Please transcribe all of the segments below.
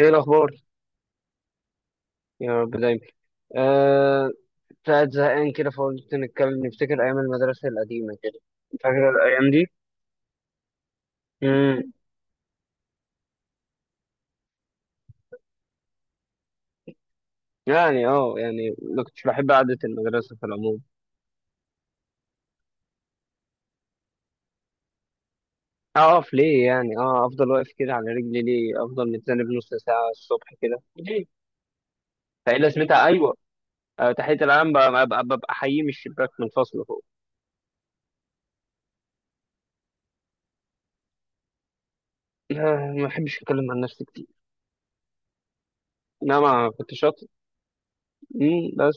ايه الاخبار؟ يا رب دايما. آه قاعد زهقان كده، فقلت نتكلم نفتكر ايام المدرسه القديمه كده. فاكر الايام دي؟ امم يعني يعني ما كنتش بحب قعده المدرسه في العموم. اقف ليه يعني؟ اه افضل واقف كده على رجلي ليه؟ افضل متذنب نص ساعه الصبح كده ليه؟ فايه لازمتها؟ ايوه، تحيه العام ببقى حييه من الشباك من الفصل فوق. ما بحبش اتكلم عن نفسي كتير. انا ما كنت شاطر. بس،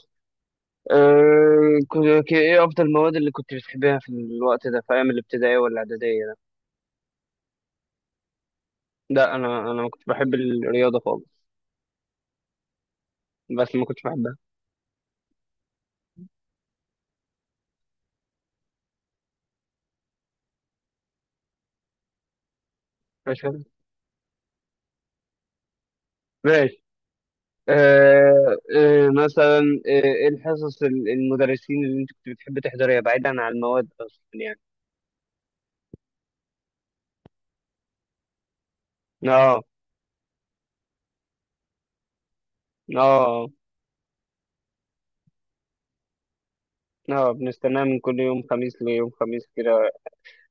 ايه افضل المواد اللي كنت بتحبها في الوقت ده؟ في ايام الابتدائيه ولا الاعداديه ده؟ لا، انا ما كنتش بحب الرياضه خالص. بس ما كنتش بحبها. ماشي كده؟ ماشي. أه، أه، مثلا آه، ايه الحصص المدرسين اللي انت كنت بتحب تحضرها بعيدا عن المواد اصلا يعني؟ اه. اه. اه، بنستناها من كل يوم خميس ليوم خميس كده.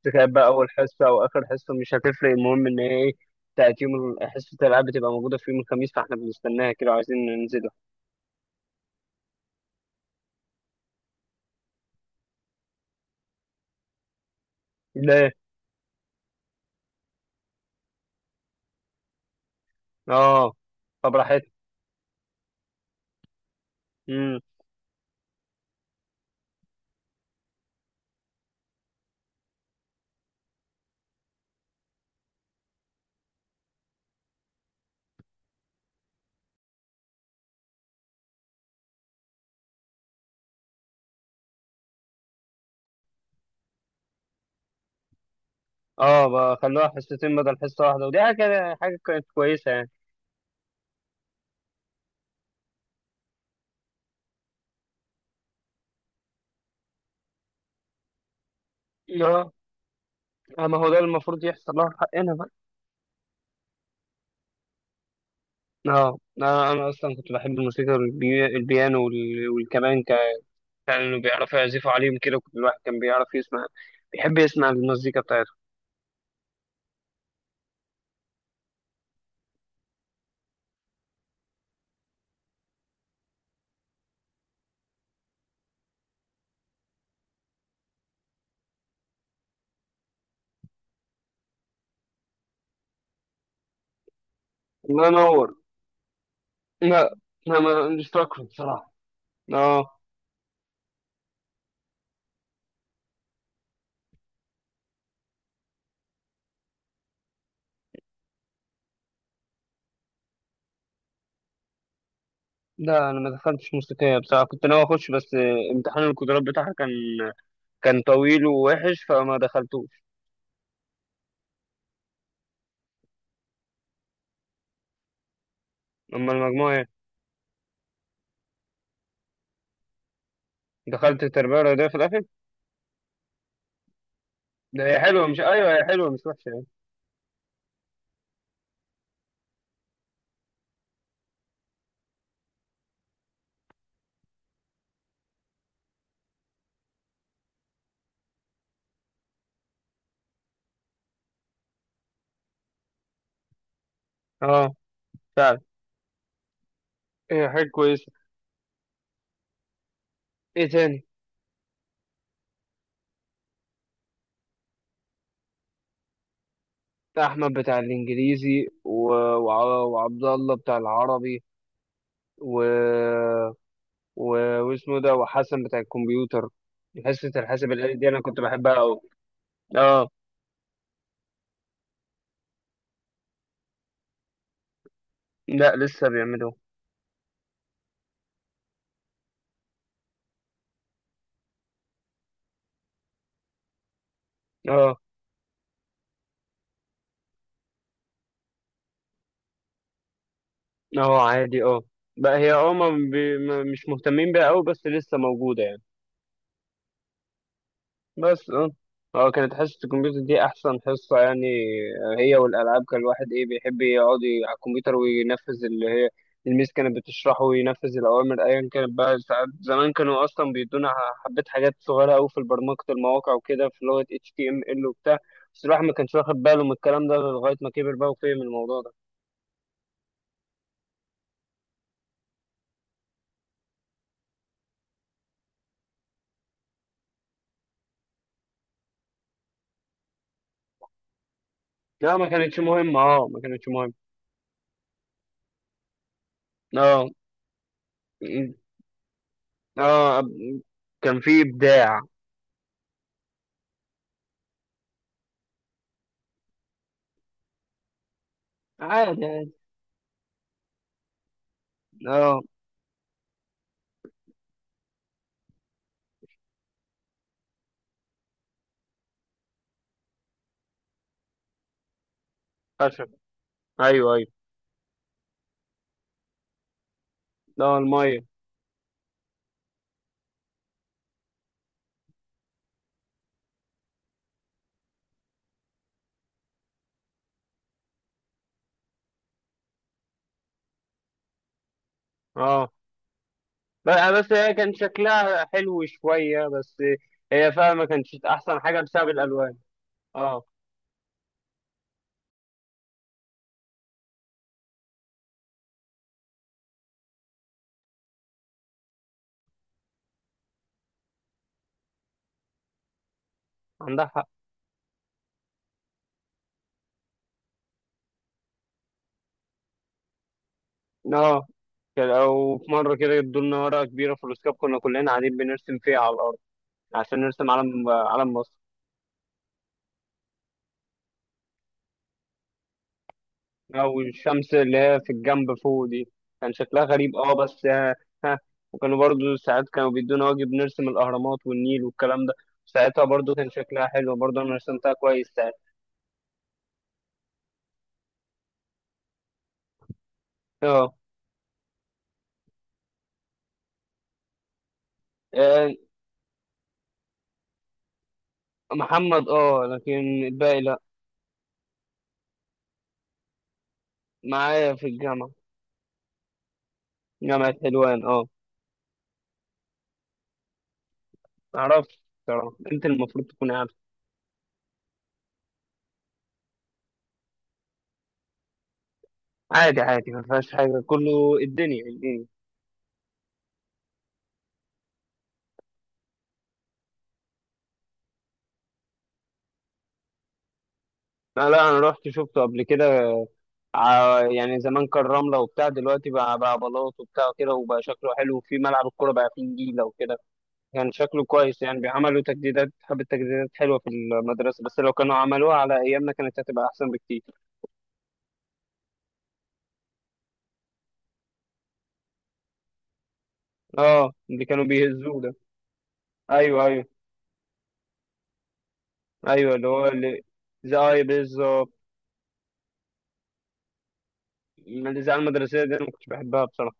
تخيل بقى، اول حصه او اخر حصه مش هتفرق، المهم ان هي ايه. بتاعت حصه الالعاب بتبقى موجوده في يوم الخميس، فاحنا بنستناها كده وعايزين ننزل. ليه؟ اه. طب راحت؟ امم اه، بقى خلوها حصتين بدل حصه واحده، حاجه كانت كويسه يعني. اه، آه، ما هو ده المفروض يحصل لها في حقنا بقى. اه، انا اصلا كنت بحب الموسيقى البيانو والكمان كانوا بيعرفوا يعزفوا عليهم كده. كنت الواحد كان بيعرف يسمع، بيحب يسمع المزيكا بتاعتهم. الله ينور. لا، انا مش فاكره بصراحه. اه. لا، انا ما دخلتش موسيقيه بصراحه، كنت ناوي اخش بس آه، امتحان القدرات بتاعها كان- كان طويل ووحش، فما دخلتوش. أما المجموع إيه؟ دخلت التربية الرياضية في الآخر؟ ده هي حلوة، مش أيوة هي حلوة مش وحشة يعني. أه، فعلا. هي حاجة كويسة. إيه تاني؟ أحمد بتاع الإنجليزي وعبد الله بتاع العربي، و... و... واسمه ده، وحسن بتاع الكمبيوتر. حصة الحاسب الآلي دي أنا كنت بحبها أوي. أه. لا، لسه بيعملوها. أه. أه، عادي، أه. بقى هي أه، ما بي... ما- مش مهتمين بيها أوي، بس لسه موجودة يعني. بس اه، هو كانت حصة الكمبيوتر دي أحسن حصة يعني. آه، هي والألعاب، كان الواحد إيه بيحب يقعد على الكمبيوتر وينفذ اللي هي الميس كانت بتشرحه، وينفذ الأوامر أيا كانت بقى. ساعات زمان كانوا أصلا بيدونا حبة حاجات صغيرة أوي في برمجة المواقع وكده، في لغة HTML وبتاع. بس الواحد ما كانش واخد باله من الكلام ده لغاية ما كبر بقى وفهم الموضوع ده. لا، ما كانتش مهمة، اه ما كانتش مهمة. اه. م- اه، كان في إبداع. عادي عادي. اه. فشل. أيوه أيوه. لا، المية. اه، بس آه، بس هي كان شكلها حلو شوية بس. هي فعلا ما كانتش أحسن حاجة بسبب الألوان. اه، عندها حق. اه، كان- أو في مرة كده ادوا لنا ورقة كبيرة في الأسكاب، كنا كلنا قاعدين بنرسم فيها على الأرض عشان نرسم علم مصر. أو الشمس اللي هي في الجنب فوق دي، كان شكلها غريب اه، بس ها. ها. وكانوا برضو ساعات كانوا بيدونا واجب نرسم الأهرامات والنيل والكلام ده. ساعتها برضو كان شكلها حلو، برضو أنا رسمتها كويس ساعتها. اه. آه، محمد اه، لكن الباقي لا. معايا في الجامعة. جامعة حلوان، اه. معرفش. بصراحة انت المفروض تكون عارف. عادي عادي، ما فيهاش حاجة، كله الدنيا الدنيا. لا لا، انا رحت شفته قبل كده. يعني زمان كان رملة وبتاع، دلوقتي بقى بلاط وبتاع كده، وبقى شكله حلو، وفي ملعب الكورة بقى فيه نجيلة وكده. كان شكله كويس يعني، بيعملوا تجديدات، حبة تجديدات حلوة في المدرسة، بس لو كانوا عملوها على أيامنا كانت هتبقى أحسن بكتير. اه، اللي كانوا بيهزوه ده. أيوه أيوه. ايوه، اللي هو اللي، زي اي بالظبط. الاذاعه المدرسيه دي انا ما كنتش بحبها بصراحه.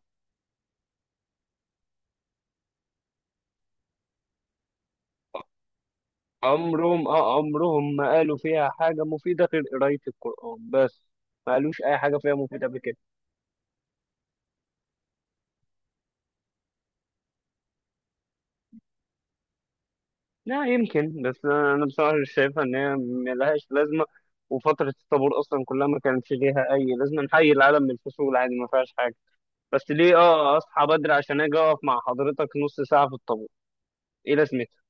عمرهم، اه عمرهم ما قالوا فيها حاجه مفيده غير قرايه القران بس. ما قالوش اي حاجه فيها مفيده قبل كده. لا يمكن، بس أنا بصراحه مش شايفها ان هي ملهاش لازمه. وفتره الطابور اصلا كلها ما كانش ليها اي لازمه، نحيي العالم من الفصول عادي ما فيهاش حاجه. بس ليه اه اصحى بدري عشان اجي اقف مع حضرتك نص ساعه في الطابور؟ ايه لازمتها؟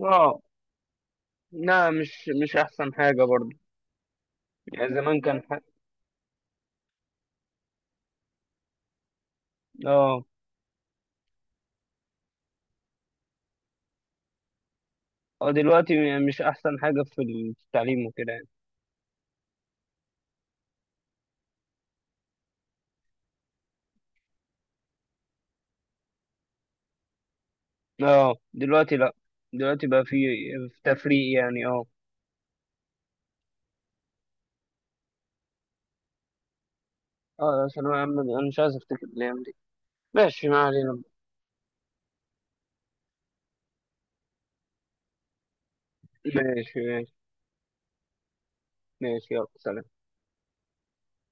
اه، لا، مش احسن حاجه برضه. يعني زمان كان اه. اه، دلوقتي مش احسن حاجة في التعليم وكده يعني. اه. دلوقتي لا، دلوقتي بقى في، في تفريق يعني، اه. اه، ثانوية عامة دي، انا مش عايز افتكر الايام دي. ماشي، ما علينا. ماشي. ماشي. ماشي، يلا سلام.